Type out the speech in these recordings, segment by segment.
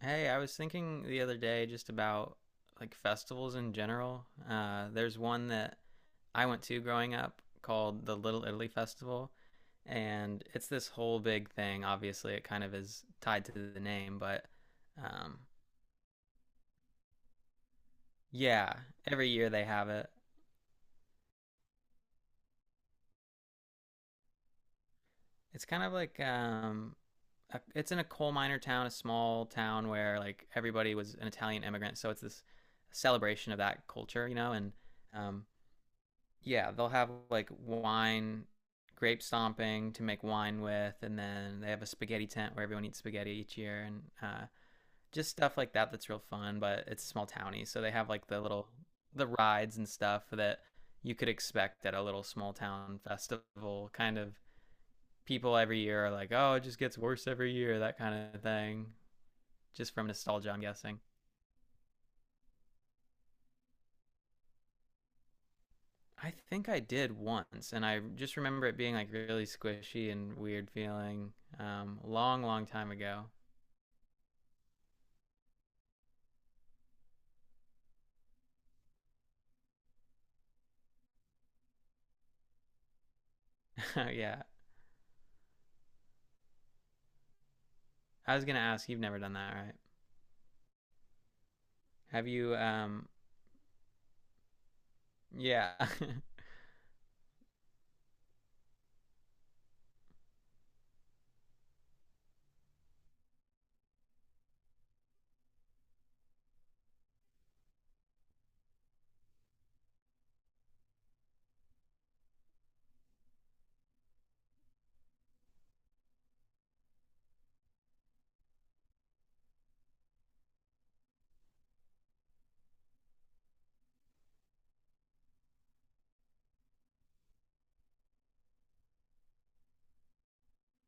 Hey, I was thinking the other day just about like festivals in general. There's one that I went to growing up called the Little Italy Festival, and it's this whole big thing. Obviously, it kind of is tied to the name, but um, yeah, every year they have it. It's kind of like it's in a coal miner town, a small town where like everybody was an Italian immigrant, so it's this celebration of that culture, and um, yeah, they'll have like wine, grape stomping to make wine with, and then they have a spaghetti tent where everyone eats spaghetti each year, and just stuff like that that's real fun. But it's small towny, so they have like the rides and stuff that you could expect at a little small town festival. Kind of people every year are like, oh, it just gets worse every year, that kind of thing, just from nostalgia, I'm guessing. I think I did once, and I just remember it being like really squishy and weird feeling. Long, long time ago. Yeah. I was gonna ask. You've never done that, right? Have you? Yeah,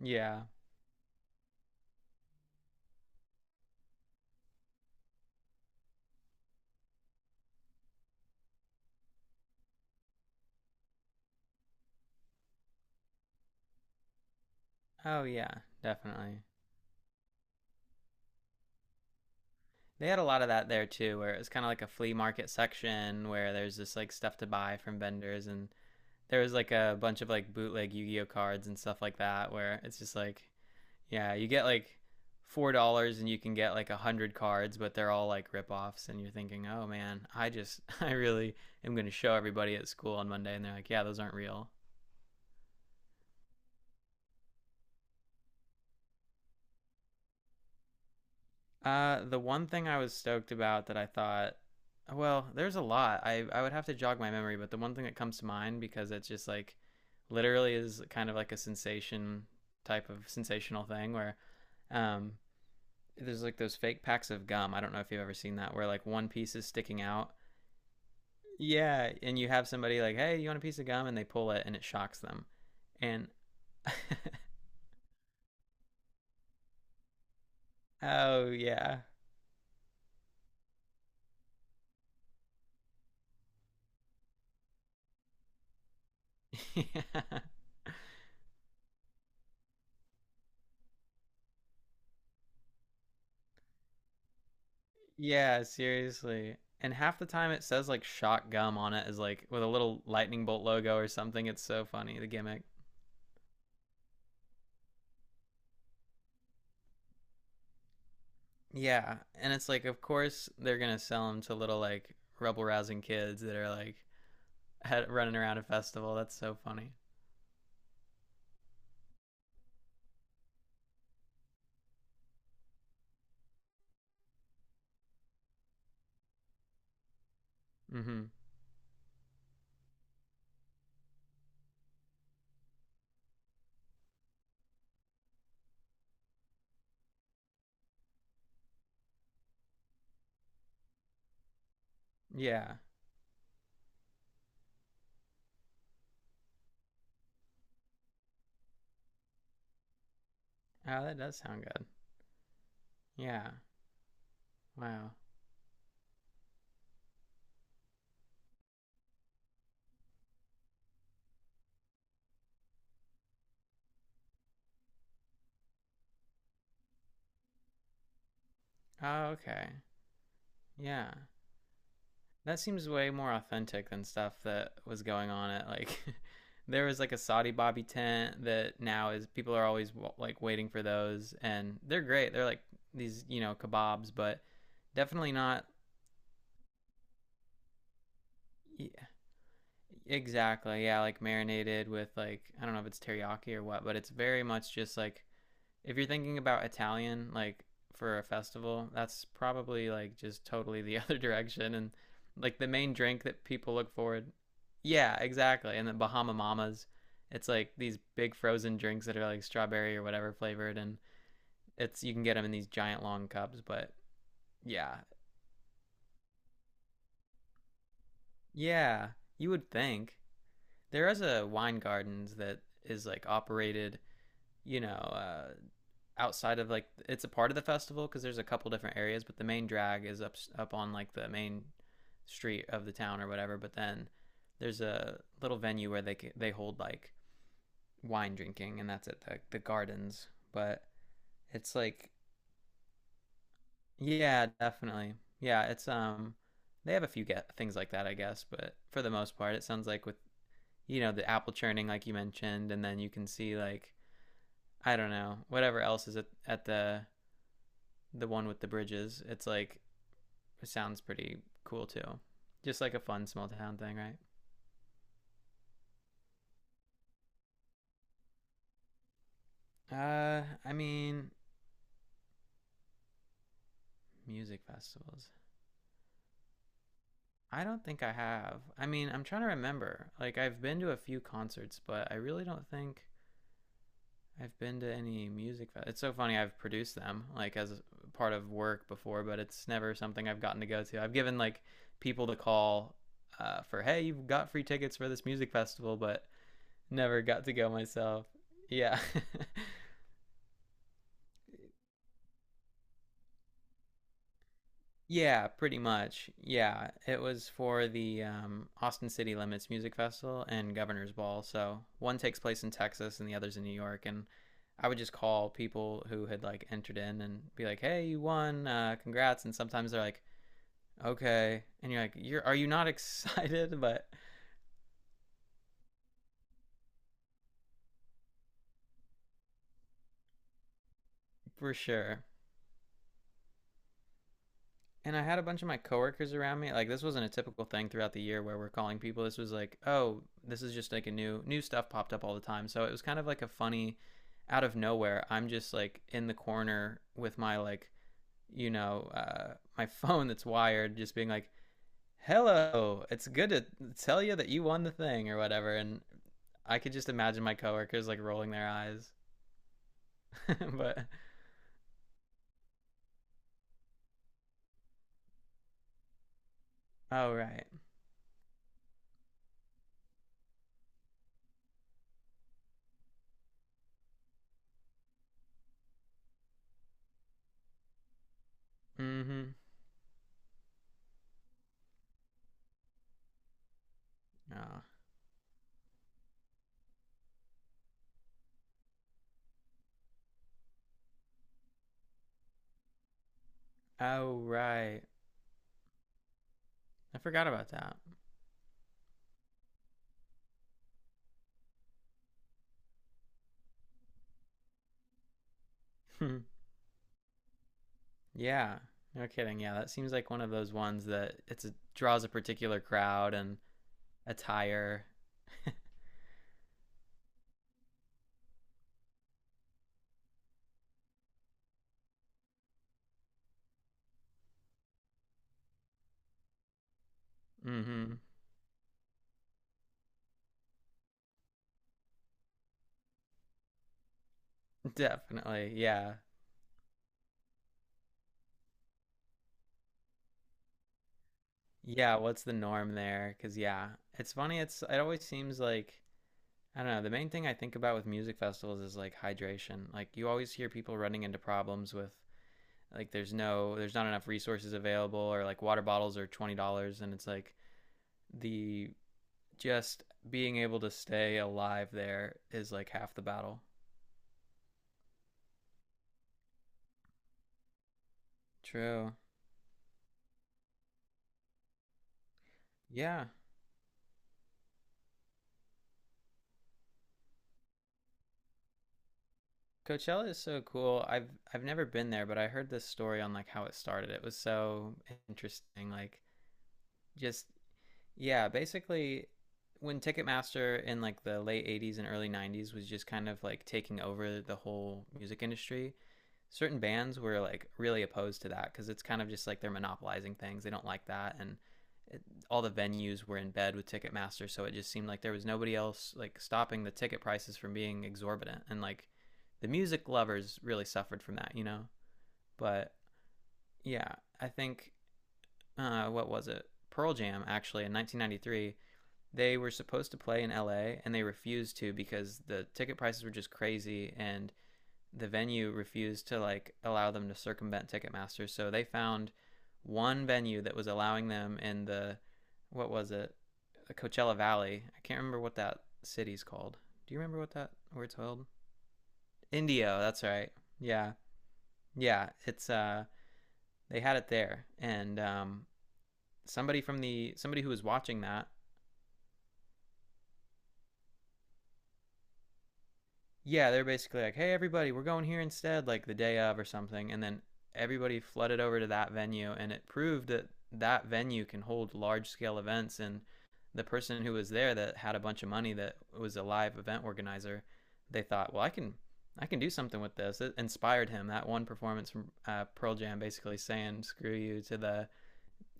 yeah. Oh yeah, definitely. They had a lot of that there too, where it was kind of like a flea market section where there's just like stuff to buy from vendors, and there was like a bunch of like bootleg Yu-Gi-Oh cards and stuff like that, where it's just like, yeah, you get like $4 and you can get like 100 cards, but they're all like ripoffs, and you're thinking, oh man, I just I really am gonna show everybody at school on Monday, and they're like, yeah, those aren't real. The one thing I was stoked about that I thought, well, there's a lot. I would have to jog my memory, but the one thing that comes to mind because it's just like, literally is kind of like a sensation type of sensational thing where, um, there's like those fake packs of gum. I don't know if you've ever seen that, where like one piece is sticking out. Yeah, and you have somebody like, "Hey, you want a piece of gum?" and they pull it and it shocks them. And oh yeah. Yeah, seriously. And half the time it says like shock gum on it is like with a little lightning bolt logo or something. It's so funny, the gimmick. Yeah, and it's like of course they're going to sell them to little like rebel rousing kids that are like had, running around a festival. That's so funny. Mhm. Yeah. Oh, that does sound good. Yeah. Wow. Oh, okay. Yeah. That seems way more authentic than stuff that was going on at like there was like a Saudi Bobby tent that now is people are always like waiting for those and they're great. They're like these, you know, kebabs, but definitely not y- exactly. Yeah, like marinated with like I don't know if it's teriyaki or what, but it's very much just like if you're thinking about Italian, like for a festival, that's probably like just totally the other direction. And like the main drink that people look forward, yeah, exactly. And the Bahama Mamas, it's like these big frozen drinks that are like strawberry or whatever flavored, and it's you can get them in these giant long cups. But yeah, yeah, you would think there is a wine gardens that is like operated, you know, outside of like it's a part of the festival because there's a couple different areas, but the main drag is up on like the main street of the town or whatever. But then there's a little venue where they hold like wine drinking, and that's at the gardens. But it's like, yeah, definitely, yeah. It's they have a few get things like that, I guess. But for the most part, it sounds like with, you know, the apple churning like you mentioned, and then you can see like, I don't know, whatever else is at at the one with the bridges. It's like it sounds pretty cool too. Just like a fun small town thing, right? I mean, music festivals. I don't think I have. I mean, I'm trying to remember. Like I've been to a few concerts, but I really don't think I've been to any music. It's so funny. I've produced them like as part of work before, but it's never something I've gotten to go to. I've given like people to call for, hey, you've got free tickets for this music festival, but never got to go myself. Yeah. Yeah, pretty much. Yeah, it was for the Austin City Limits Music Festival and Governor's Ball. So one takes place in Texas and the other's in New York. And I would just call people who had like entered in and be like, "Hey, you won! Congrats!" And sometimes they're like, "Okay," and you're like, "You're are you not excited?" But for sure, and I had a bunch of my coworkers around me. Like this wasn't a typical thing throughout the year where we're calling people. This was like, oh, this is just like a new stuff popped up all the time. So it was kind of like a funny out of nowhere. I'm just like in the corner with my like, you know, my phone that's wired, just being like, hello, it's good to tell you that you won the thing or whatever. And I could just imagine my coworkers like rolling their eyes. But oh right, mm-hmm, oh, oh right, I forgot about that. Hmm. Yeah, no kidding. Yeah, that seems like one of those ones that it's draws a particular crowd and attire. Mm-hmm. Definitely. Yeah. Yeah, what's the norm there? Cuz yeah, it's funny. It's it always seems like, I don't know, the main thing I think about with music festivals is like hydration. Like you always hear people running into problems with like there's no there's not enough resources available or like water bottles are $20 and it's like the just being able to stay alive there is like half the battle. True. Yeah. Coachella is so cool. I've never been there, but I heard this story on like how it started. It was so interesting. Like just yeah, basically, when Ticketmaster in like the late 80s and early 90s was just kind of like taking over the whole music industry, certain bands were like really opposed to that because it's kind of just like they're monopolizing things. They don't like that. And it, all the venues were in bed with Ticketmaster. So it just seemed like there was nobody else like stopping the ticket prices from being exorbitant. And like the music lovers really suffered from that, you know? But yeah, I think, what was it? Pearl Jam actually in 1993 they were supposed to play in LA and they refused to because the ticket prices were just crazy and the venue refused to like allow them to circumvent Ticketmaster. So they found one venue that was allowing them in the what was it? The Coachella Valley. I can't remember what that city's called. Do you remember what that where it's held? Indio, that's right. Yeah. Yeah, it's they had it there and somebody from the somebody who was watching that. Yeah, they're basically like, "Hey, everybody, we're going here instead," like the day of or something, and then everybody flooded over to that venue, and it proved that that venue can hold large-scale events. And the person who was there that had a bunch of money, that was a live event organizer, they thought, "Well, I can do something with this." It inspired him. That one performance from Pearl Jam, basically saying "screw you" to the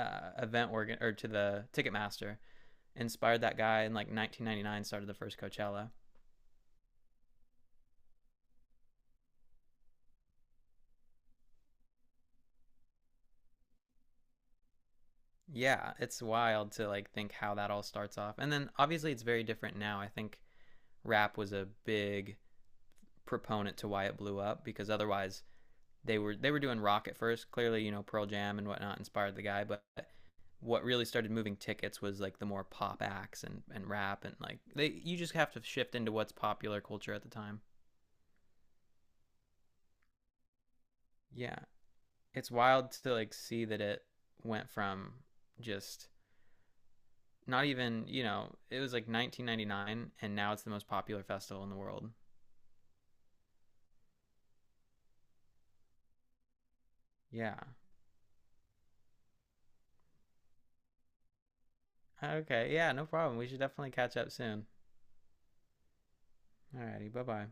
event organ or to the Ticketmaster, inspired that guy in like 1999. Started the first Coachella. Yeah, it's wild to like think how that all starts off. And then obviously it's very different now. I think rap was a big proponent to why it blew up because otherwise they were doing rock at first. Clearly, you know, Pearl Jam and whatnot inspired the guy, but what really started moving tickets was like the more pop acts and rap and like they you just have to shift into what's popular culture at the time. Yeah. It's wild to like see that it went from just not even, you know, it was like 1999 and now it's the most popular festival in the world. Yeah, okay, yeah, no problem. We should definitely catch up soon. Alrighty, bye-bye.